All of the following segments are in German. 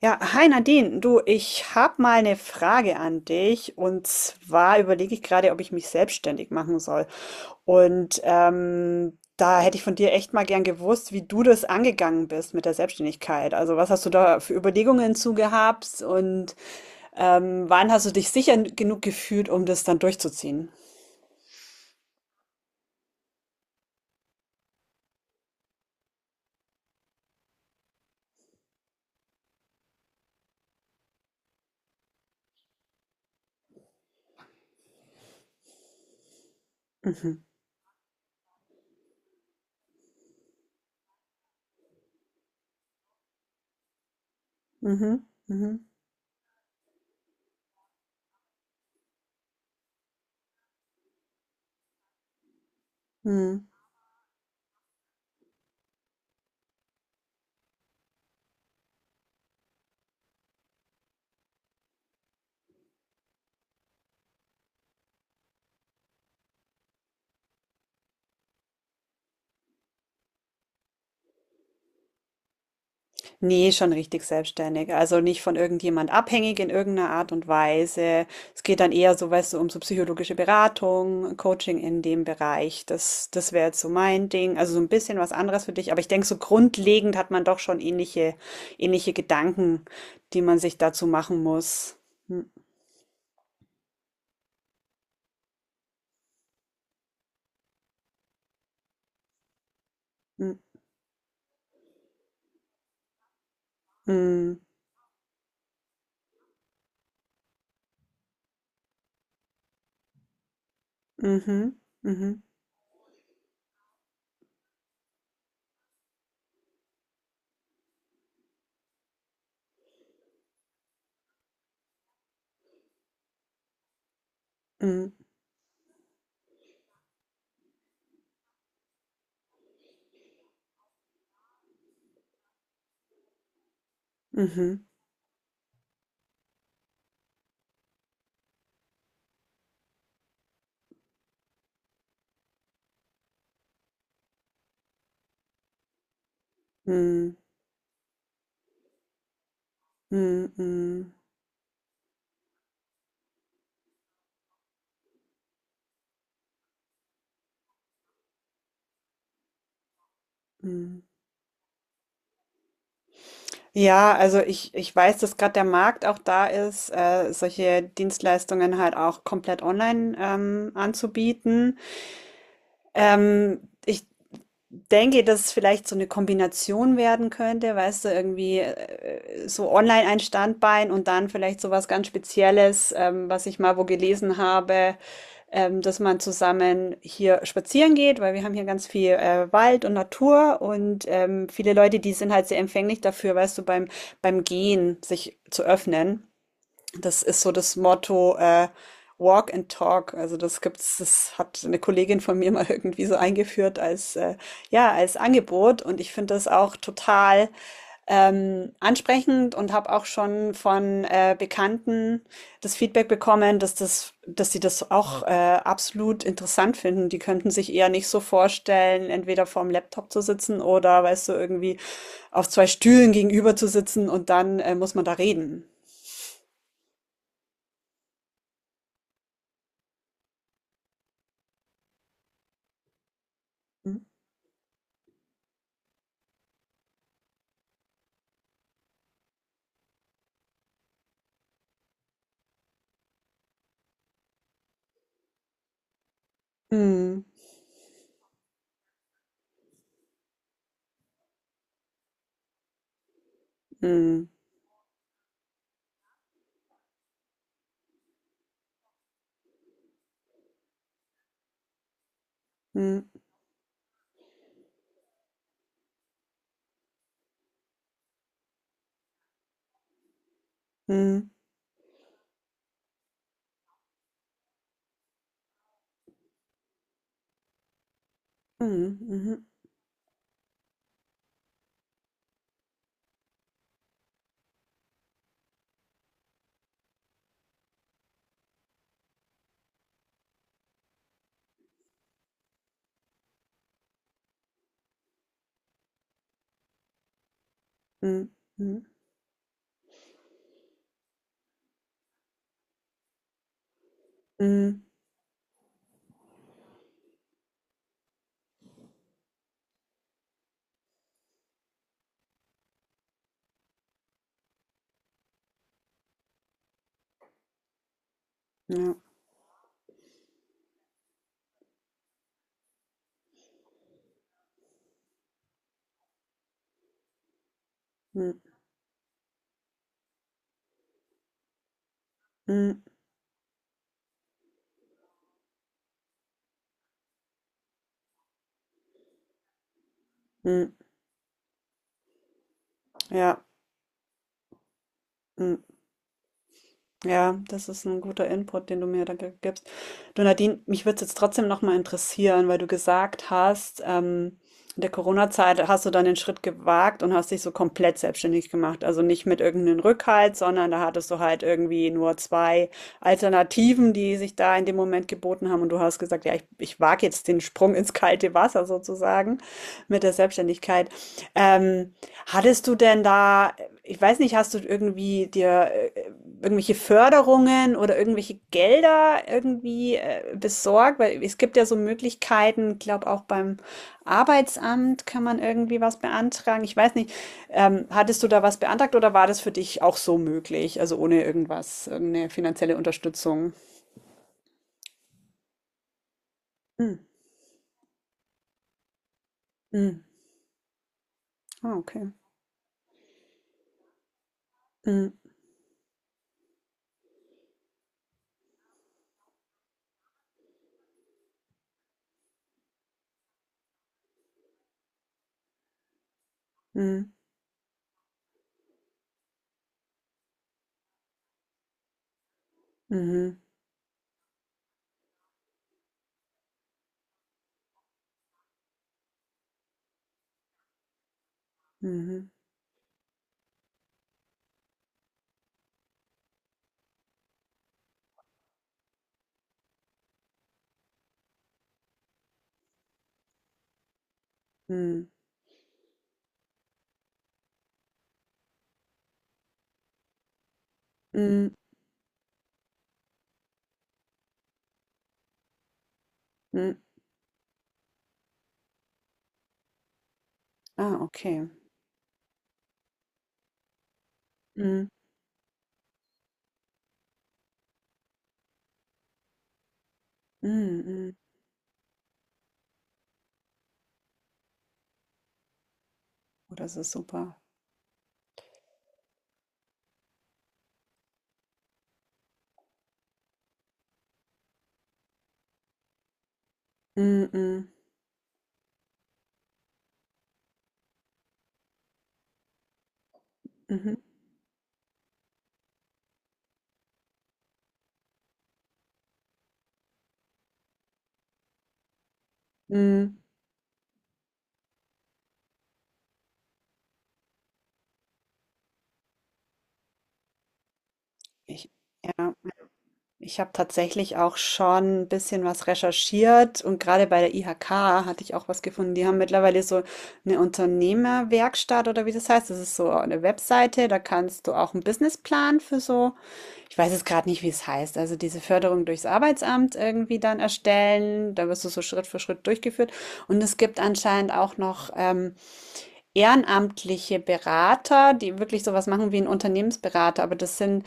Ja, hi Nadine, du, ich habe mal eine Frage an dich und zwar überlege ich gerade, ob ich mich selbstständig machen soll. Und da hätte ich von dir echt mal gern gewusst, wie du das angegangen bist mit der Selbstständigkeit. Also was hast du da für Überlegungen zu gehabt und wann hast du dich sicher genug gefühlt, um das dann durchzuziehen? Mhm. Mhm. Mhm. Mhm. Nee, schon richtig selbstständig. Also nicht von irgendjemand abhängig in irgendeiner Art und Weise. Es geht dann eher so, weißt du, um so psychologische Beratung, Coaching in dem Bereich. Das wäre jetzt so mein Ding. Also so ein bisschen was anderes für dich. Aber ich denke, so grundlegend hat man doch schon ähnliche, ähnliche Gedanken, die man sich dazu machen muss. Hm, hm, hm, mhm, mhm, mhm, mhm, mhm, mhm, mhm. Mhm. Ja, also ich weiß, dass gerade der Markt auch da ist, solche Dienstleistungen halt auch komplett online anzubieten. Ähm, ich denke, dass es vielleicht so eine Kombination werden könnte, weißt du, irgendwie so online ein Standbein und dann vielleicht so was ganz Spezielles, was ich mal wo gelesen habe, dass man zusammen hier spazieren geht, weil wir haben hier ganz viel Wald und Natur und viele Leute, die sind halt sehr empfänglich dafür, weißt du, beim Gehen sich zu öffnen. Das ist so das Motto, Walk and Talk. Also das gibt's, das hat eine Kollegin von mir mal irgendwie so eingeführt als ja als Angebot und ich finde das auch total ansprechend und habe auch schon von Bekannten das Feedback bekommen, dass sie das auch absolut interessant finden. Die könnten sich eher nicht so vorstellen, entweder vorm Laptop zu sitzen oder weißt du irgendwie auf zwei Stühlen gegenüber zu sitzen und dann muss man da reden. Mhm. Mhm. Mhm. Mhm. Mhm. Mhm. Mhm. Mhm. Mhm. Ja. Mhm. Mhm. Mhm. Ja. Mhm. Ja, das ist ein guter Input, den du mir da gibst. Du Nadine, mich würde es jetzt trotzdem nochmal interessieren, weil du gesagt hast, in der Corona-Zeit hast du dann den Schritt gewagt und hast dich so komplett selbstständig gemacht. Also nicht mit irgendeinem Rückhalt, sondern da hattest du halt irgendwie nur zwei Alternativen, die sich da in dem Moment geboten haben. Und du hast gesagt, ja, ich wage jetzt den Sprung ins kalte Wasser sozusagen mit der Selbstständigkeit. Ähm, Hattest du denn da, ich weiß nicht, hast du irgendwie dir irgendwelche Förderungen oder irgendwelche Gelder irgendwie besorgt? Weil es gibt ja so Möglichkeiten, ich glaube auch beim Arbeitsamt kann man irgendwie was beantragen. Ich weiß nicht, hattest du da was beantragt oder war das für dich auch so möglich? Also ohne irgendwas, irgendeine finanzielle Unterstützung? Hm, hm. Ah, okay. Hm, hm, mhm, mhm, hm, hm, hm. Ah, okay. Hm. Mhm, mhm. Oh, das ist super. Mhm, mhm, mhm, mhm. Ich, ja, ich habe tatsächlich auch schon ein bisschen was recherchiert und gerade bei der IHK hatte ich auch was gefunden. Die haben mittlerweile so eine Unternehmerwerkstatt oder wie das heißt. Das ist so eine Webseite, da kannst du auch einen Businessplan für so, ich weiß jetzt gerade nicht, wie es heißt, also diese Förderung durchs Arbeitsamt irgendwie dann erstellen. Da wirst du so Schritt für Schritt durchgeführt. Und es gibt anscheinend auch noch ehrenamtliche Berater, die wirklich sowas machen wie ein Unternehmensberater, aber das sind,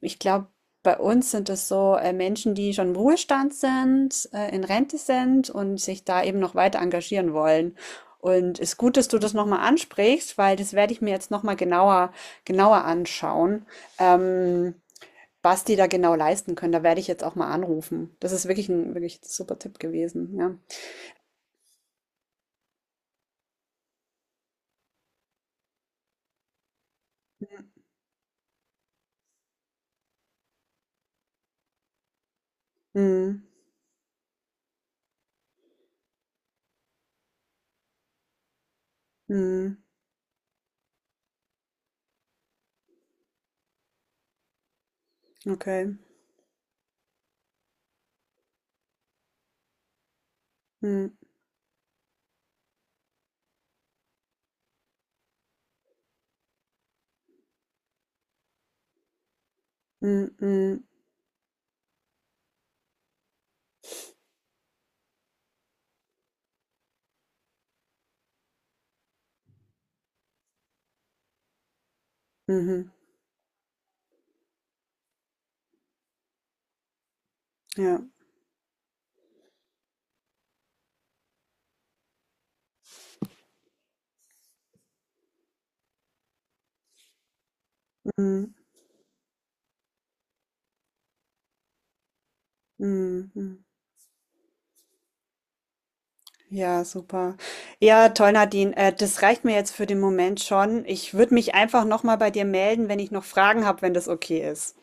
ich glaube, bei uns sind es so Menschen, die schon im Ruhestand sind, in Rente sind und sich da eben noch weiter engagieren wollen. Und es ist gut, dass du das nochmal ansprichst, weil das werde ich mir jetzt nochmal genauer, genauer anschauen, ähm, was die da genau leisten können. Da werde ich jetzt auch mal anrufen. Das ist wirklich ein super Tipp gewesen, ja. Mm, mm, okay. Mm, mm, mm. Mhm. Ja. Mhm. Mhm. Mhm. Ja, super. Ja, toll, Nadine. Das reicht mir jetzt für den Moment schon. Ich würde mich einfach nochmal bei dir melden, wenn ich noch Fragen habe, wenn das okay ist.